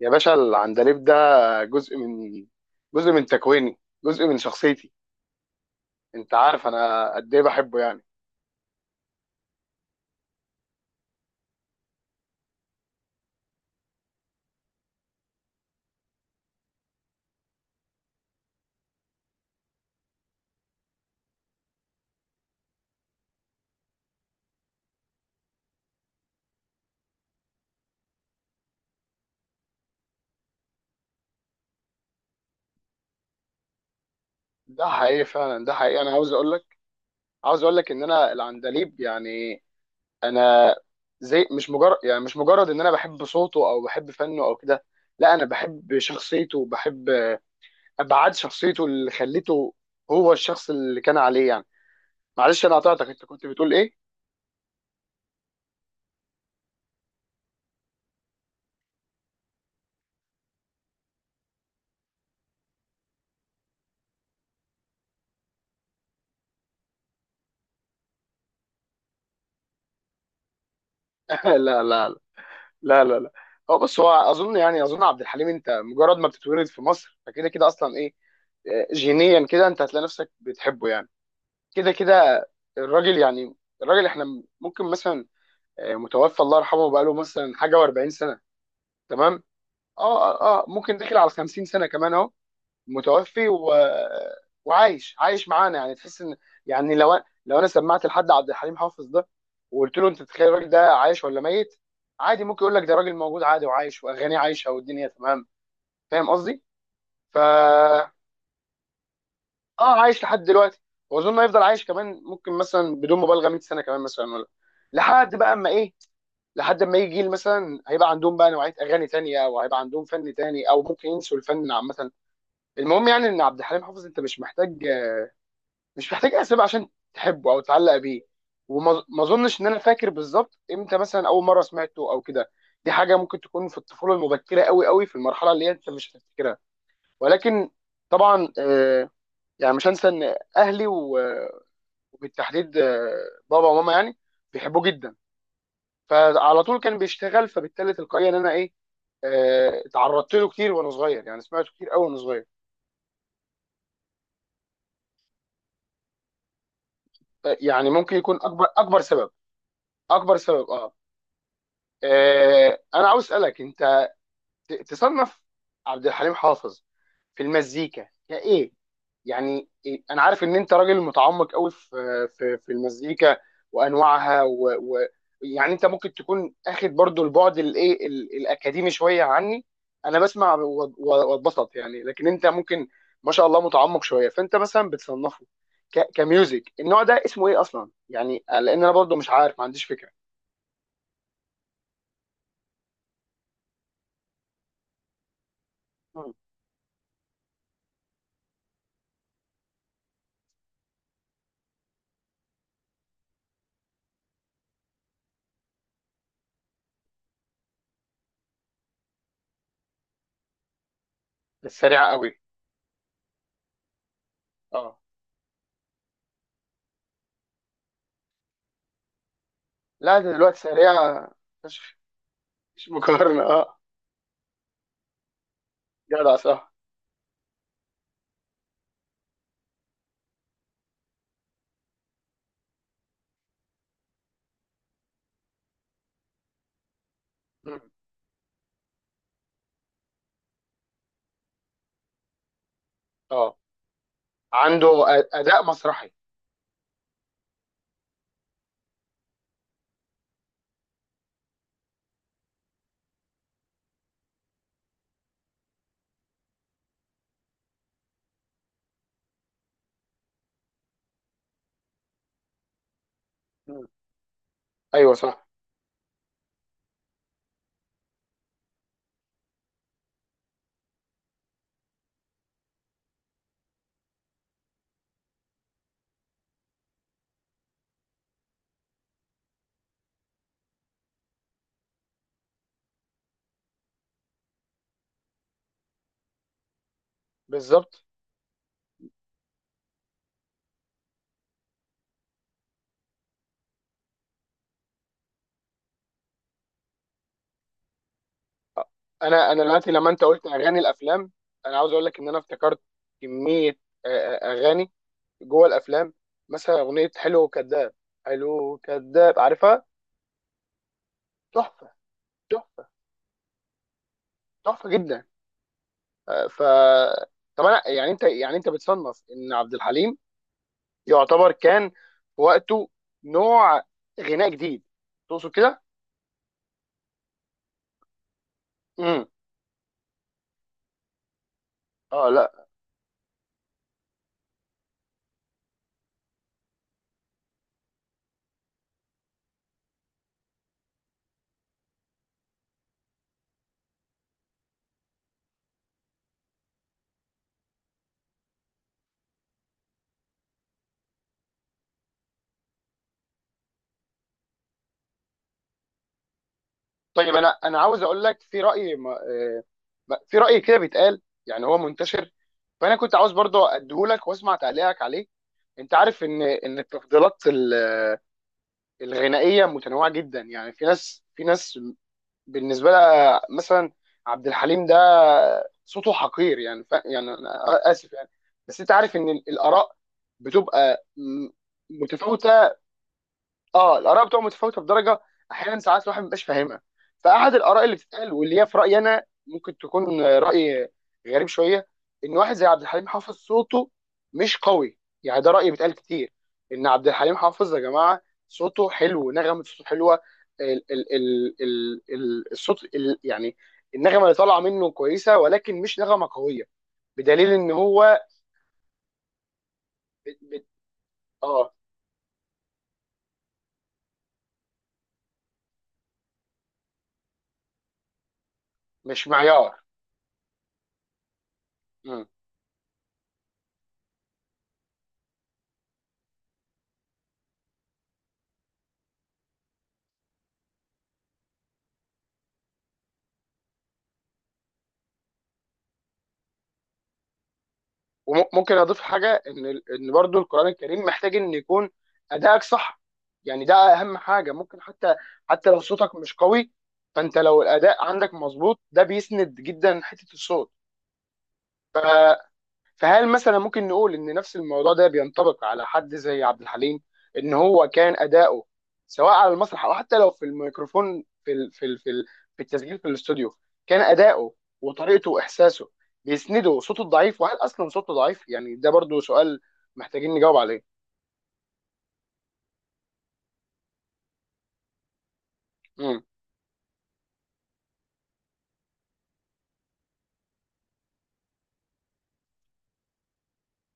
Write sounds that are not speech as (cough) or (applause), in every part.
يا باشا العندليب ده جزء من جزء من تكويني، جزء من شخصيتي. انت عارف انا قد ايه بحبه يعني؟ ده حقيقي، فعلا ده حقيقي. انا عاوز اقول لك ان انا العندليب يعني، انا زي، مش مجرد يعني مش مجرد ان انا بحب صوته او بحب فنه او كده، لا انا بحب شخصيته وبحب ابعاد شخصيته اللي خلته هو الشخص اللي كان عليه يعني. معلش انا قطعتك، انت كنت بتقول ايه؟ (laughs) لا لا لا لا لا. هو بص، هو اظن يعني عبد الحليم، انت مجرد ما بتتولد في مصر فكده كده اصلا ايه. جينيا كده انت هتلاقي نفسك بتحبه يعني. كده كده الراجل يعني، الراجل احنا ممكن مثلا متوفى الله يرحمه بقاله مثلا حاجه و40 سنه تمام. ممكن داخل على 50 سنه كمان اهو. متوفي وعايش، عايش معانا يعني. تحس ان، يعني لو انا سمعت لحد عبد الحليم حافظ ده وقلت له: انت تتخيل الراجل ده عايش ولا ميت؟ عادي ممكن يقول لك ده راجل موجود عادي وعايش واغانيه عايشه والدنيا تمام. فاهم قصدي؟ فا اه، عايش لحد دلوقتي، واظن هيفضل عايش كمان ممكن مثلا بدون مبالغه 100 سنه كمان مثلا، ولا لحد بقى اما ايه، لحد اما يجي جيل مثلا هيبقى عندهم بقى نوعيه اغاني تانية، او هيبقى عندهم فن تاني، او ممكن ينسوا الفن عامه. المهم يعني ان عبد الحليم حافظ انت مش محتاج، مش محتاج اسباب عشان تحبه او تعلق بيه. وما ما اظنش ان انا فاكر بالظبط امتى مثلا اول مره سمعته او كده. دي حاجه ممكن تكون في الطفوله المبكره قوي قوي، في المرحله اللي هي انت مش هتفتكرها. ولكن طبعا، يعني مش هنسى ان اهلي وبالتحديد بابا وماما يعني بيحبوه جدا، فعلى طول كان بيشتغل، فبالتالي تلقائيا ان انا ايه، اتعرضت له كتير وانا صغير، يعني سمعته كتير قوي وانا صغير. يعني ممكن يكون اكبر سبب، اكبر سبب اه. انا عاوز اسالك انت تصنف عبد الحليم حافظ في المزيكا كايه، يعني إيه؟ انا عارف ان انت راجل متعمق قوي في المزيكا وانواعها و يعني انت ممكن تكون اخد برضو البعد الايه، الاكاديمي شويه عني. انا بسمع واتبسط يعني، لكن انت ممكن ما شاء الله متعمق شويه. فانت مثلا بتصنفه كميوزك، النوع ده اسمه ايه اصلا يعني؟ لان انا برضو مش عارف، ما عنديش فكره. مم. بس سريعه قوي اه. لا ده دلوقتي سريعه، مش مقارنة اه. جدع صح. مم. اه. عنده اداء مسرحي. مم. ايوه صح. بالظبط. انا انا دلوقتي لما انت قلت اغاني الافلام، انا عاوز اقول لك ان انا افتكرت كميه، آه، اغاني جوه الافلام، مثلا اغنيه حلو وكذاب، حلو وكذاب عارفها، تحفه، تحفه، تحفه جدا. آه، ف طب انا يعني، انت يعني انت بتصنف ان عبد الحليم يعتبر كان في وقته نوع غناء جديد، تقصد كده؟ امم. اه لا. طيب انا انا عاوز اقول لك في راي، في راي كده بيتقال يعني هو منتشر، فانا كنت عاوز برضو اديهولك واسمع تعليقك عليه. انت عارف ان التفضيلات الغنائيه متنوعه جدا، يعني في ناس، بالنسبه لها مثلا عبد الحليم ده صوته حقير، يعني ف... يعني انا اسف يعني. بس انت عارف ان الاراء بتبقى متفاوته. اه الاراء بتبقى متفاوته بدرجه احيانا، ساعات الواحد ما بيبقاش فاهمها. فاحد الاراء اللي بتتقال، واللي هي في رايي انا ممكن تكون راي غريب شويه، ان واحد زي عبد الحليم حافظ صوته مش قوي. يعني ده راي بيتقال كتير، ان عبد الحليم حافظ يا جماعه صوته حلو، نغمه صوته حلوه، ال الصوت يعني النغمه اللي طالعه منه كويسه ولكن مش نغمه قويه، بدليل ان هو بت- بت- اه. مش معيار. وممكن اضيف حاجه ان برضو القران الكريم محتاج ان يكون ادائك صح، يعني ده اهم حاجه ممكن، حتى لو صوتك مش قوي فانت لو الاداء عندك مظبوط ده بيسند جدا حته الصوت. فهل مثلا ممكن نقول ان نفس الموضوع ده بينطبق على حد زي عبد الحليم، ان هو كان اداؤه سواء على المسرح او حتى لو في الميكروفون في ال في التسجيل في الاستوديو، كان اداؤه وطريقته واحساسه بيسنده صوته الضعيف، وهل اصلا صوته ضعيف؟ يعني ده برضو سؤال محتاجين نجاوب عليه. امم.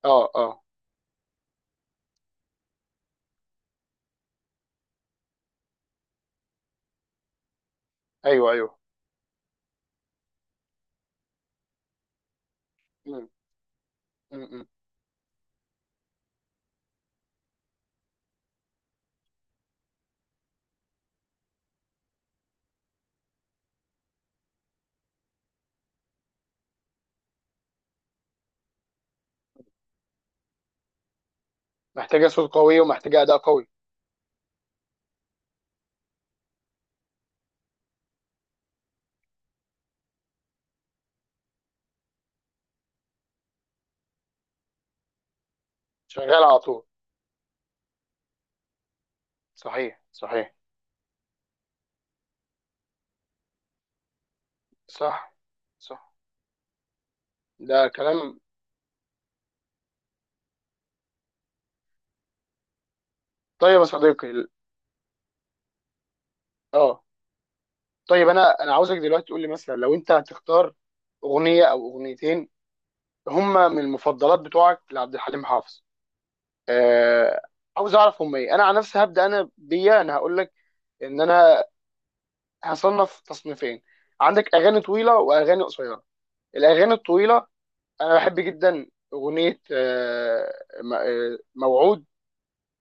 اه اه. ايوه ايوه. امم. امم. محتاجه صوت قوي ومحتاجه اداء قوي. شغال على طول. صحيح صحيح. صح صح. ده كلام. طيب يا صديقي اه. طيب انا انا عاوزك دلوقتي تقول لي مثلا، لو انت هتختار اغنيه او اغنيتين هما من المفضلات بتوعك لعبد الحليم حافظ، آه، عاوز اعرف هما ايه. انا عن نفسي هبدا انا بيا، انا هقول لك ان انا هصنف تصنيفين: عندك اغاني طويله واغاني قصيره. الاغاني الطويله انا بحب جدا اغنيه موعود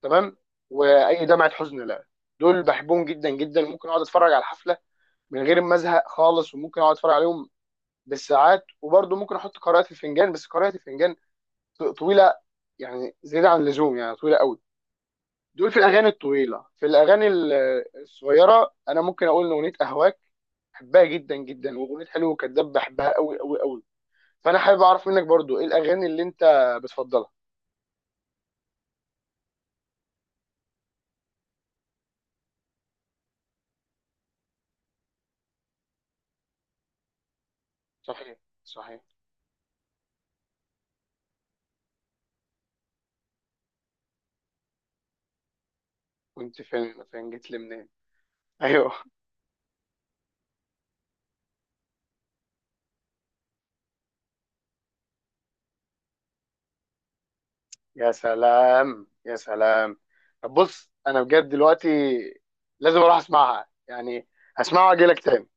تمام. واي دمعه حزن لا، دول بحبهم جدا جدا، ممكن اقعد اتفرج على الحفله من غير ما ازهق خالص، وممكن اقعد اتفرج عليهم بالساعات، وبرضه ممكن احط قراءه الفنجان، بس قراءه الفنجان طويله، يعني زياده عن اللزوم يعني طويله قوي. دول في الاغاني الطويله. في الاغاني الصغيره انا ممكن اقول ان اغنيه اهواك بحبها جدا جدا، واغنيه حلو وكذاب بحبها قوي قوي قوي. فانا حابب اعرف منك برضه ايه الاغاني اللي انت بتفضلها. صحيح صحيح. كنت فين، فين جيت لي منين؟ (laughs) ايوه. يا سلام يا سلام. طب بص انا بجد دلوقتي لازم اروح اسمعها يعني، هسمعها واجي لك تاني.